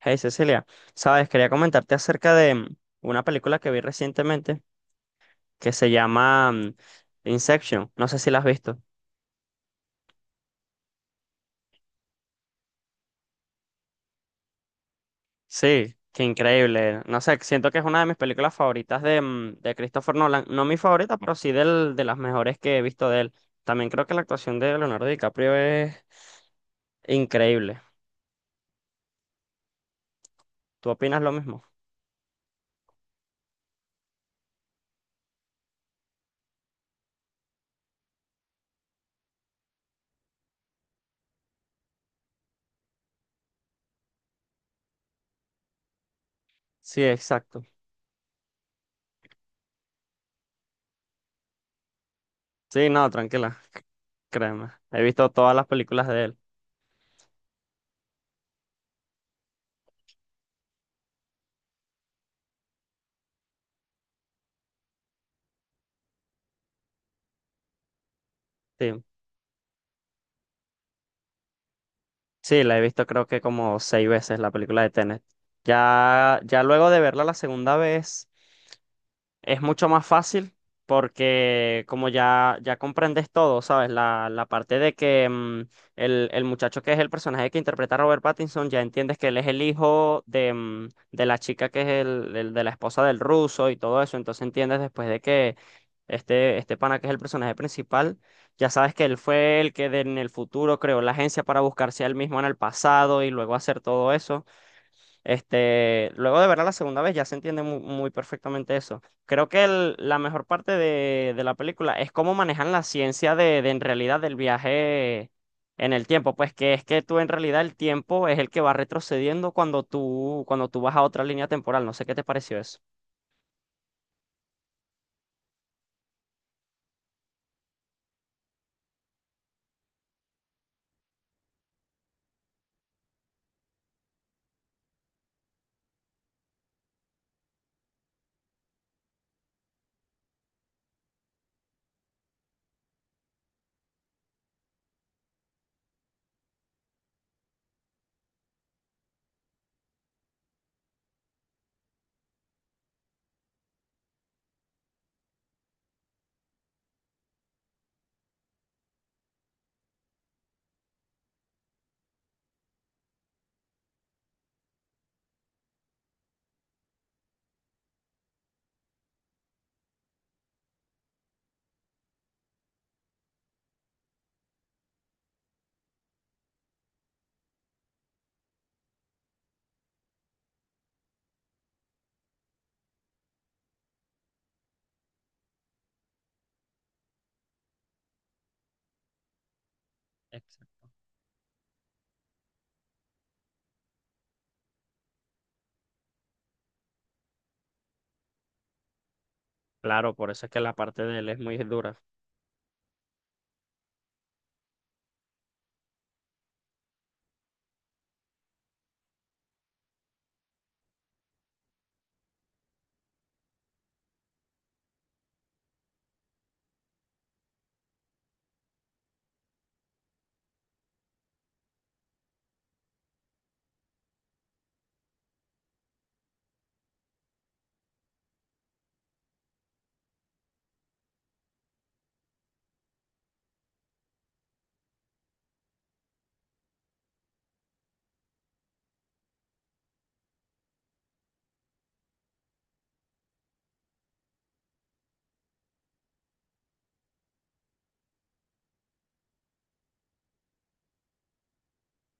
Hey Cecilia, sabes, quería comentarte acerca de una película que vi recientemente que se llama Inception. No sé si la has visto. Sí, qué increíble. No sé, siento que es una de mis películas favoritas de Christopher Nolan. No mi favorita, pero sí de las mejores que he visto de él. También creo que la actuación de Leonardo DiCaprio es increíble. ¿Tú opinas lo mismo? Sí, exacto. Sí, no, tranquila, créeme. He visto todas las películas de él. Sí. Sí, la he visto creo que como 6 veces la película de Tenet. Ya luego de verla la 2.ª vez. Es mucho más fácil porque como ya comprendes todo, ¿sabes? La parte de que el muchacho que es el personaje que interpreta a Robert Pattinson, ya entiendes que él es el hijo de la chica que es de la esposa del ruso y todo eso. Entonces entiendes después de que este pana que es el personaje principal, ya sabes que él fue el que en el futuro creó la agencia para buscarse a él mismo en el pasado y luego hacer todo eso. Luego de verla la segunda vez ya se entiende muy perfectamente eso. Creo que la mejor parte de la película es cómo manejan la ciencia de en realidad del viaje en el tiempo. Pues que es que tú en realidad el tiempo es el que va retrocediendo cuando cuando tú vas a otra línea temporal. No sé qué te pareció eso. Exacto. Claro, por eso es que la parte de él es muy dura.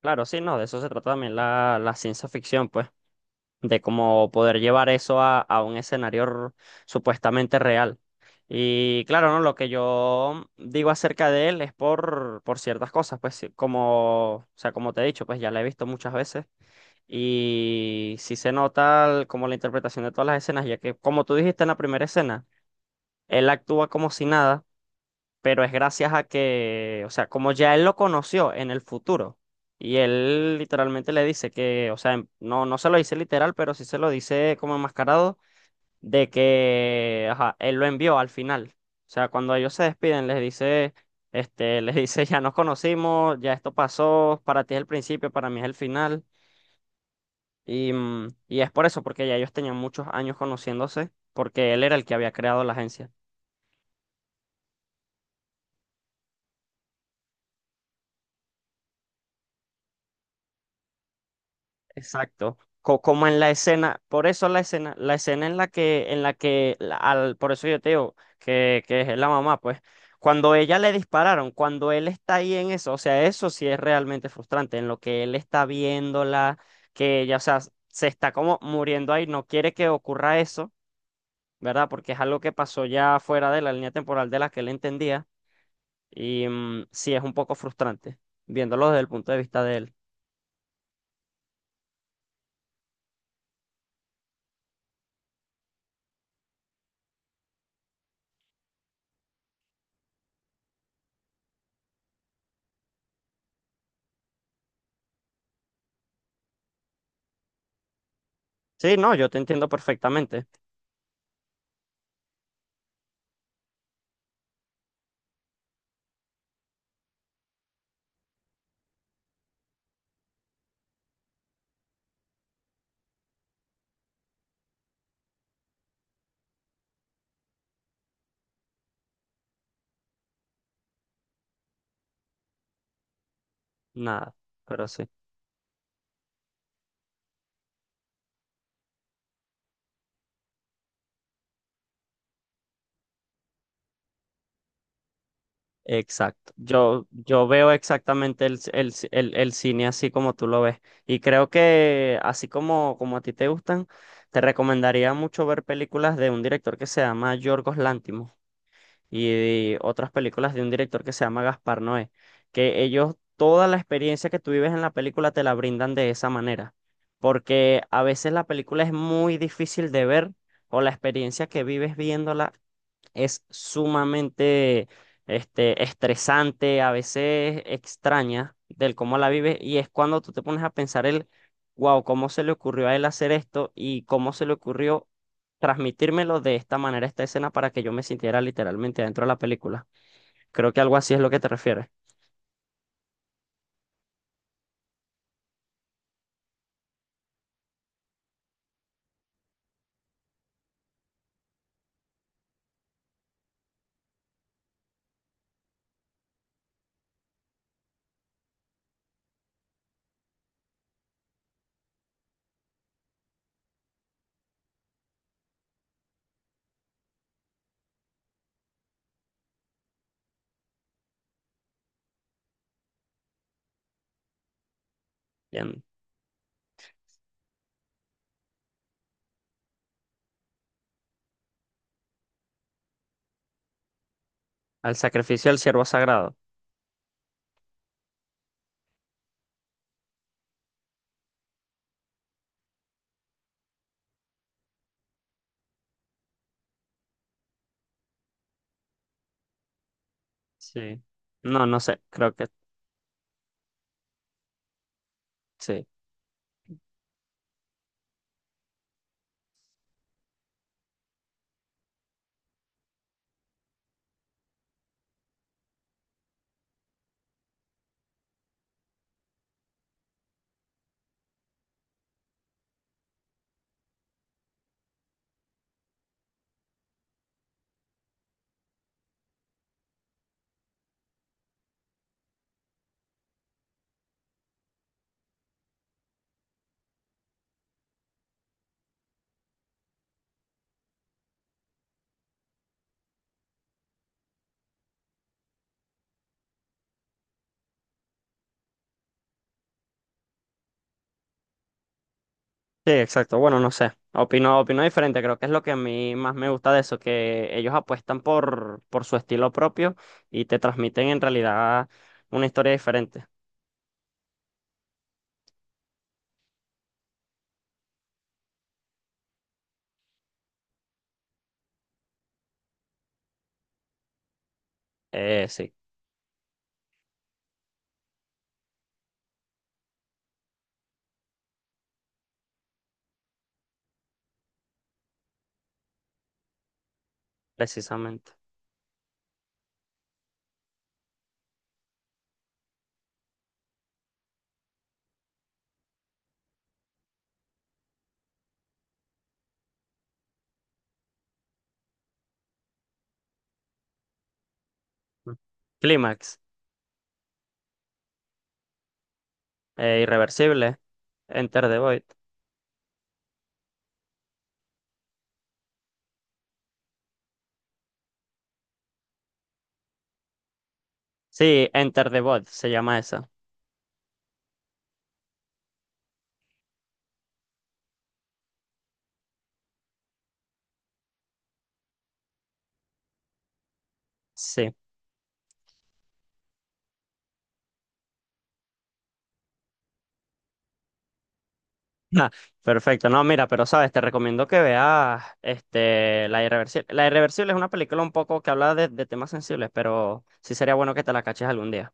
Claro, sí, no, de eso se trata también la ciencia ficción, pues. De cómo poder llevar eso a un escenario supuestamente real. Y claro, ¿no? Lo que yo digo acerca de él es por ciertas cosas, pues sí, como, o sea, como te he dicho, pues ya la he visto muchas veces y sí se nota como la interpretación de todas las escenas, ya que como tú dijiste en la 1.ª escena, él actúa como si nada pero es gracias a que, o sea, como ya él lo conoció en el futuro, y él literalmente le dice que, o sea, no se lo dice literal, pero sí se lo dice como enmascarado, de que, ajá, él lo envió al final. O sea, cuando ellos se despiden, les dice, les dice, ya nos conocimos, ya esto pasó, para ti es el principio, para mí es el final. Y es por eso, porque ya ellos tenían muchos años conociéndose, porque él era el que había creado la agencia. Exacto. Como en la escena, por eso la escena en la que por eso yo te digo que es la mamá, pues, cuando ella le dispararon, cuando él está ahí en eso, o sea, eso sí es realmente frustrante, en lo que él está viéndola, que ella, o sea, se está como muriendo ahí, no quiere que ocurra eso, ¿verdad? Porque es algo que pasó ya fuera de la línea temporal de la que él entendía, y sí es un poco frustrante, viéndolo desde el punto de vista de él. Sí, no, yo te entiendo perfectamente. Nada, pero sí. Exacto. Yo veo exactamente el cine así como tú lo ves. Y creo que así como, como a ti te gustan, te recomendaría mucho ver películas de un director que se llama Yorgos Lanthimos y otras películas de un director que se llama Gaspar Noé, que ellos toda la experiencia que tú vives en la película te la brindan de esa manera, porque a veces la película es muy difícil de ver o la experiencia que vives viéndola es sumamente estresante, a veces extraña del cómo la vive, y es cuando tú te pones a pensar wow, ¿cómo se le ocurrió a él hacer esto y cómo se le ocurrió transmitírmelo de esta manera, esta escena, para que yo me sintiera literalmente dentro de la película? Creo que algo así es lo que te refieres, bien, al sacrificio del siervo sagrado. Sí. No, no sé, creo que sí. Sí, exacto. Bueno, no sé. Opino, opino diferente. Creo que es lo que a mí más me gusta de eso, que ellos apuestan por su estilo propio y te transmiten en realidad una historia diferente. Sí, precisamente. Mm. Clímax, Irreversible, Enter the Void. Sí, Enter the Void se llama esa. Sí. Ah, perfecto. No, mira, pero sabes, te recomiendo que veas este, La Irreversible. La Irreversible es una película un poco que habla de temas sensibles, pero sí sería bueno que te la caches algún día.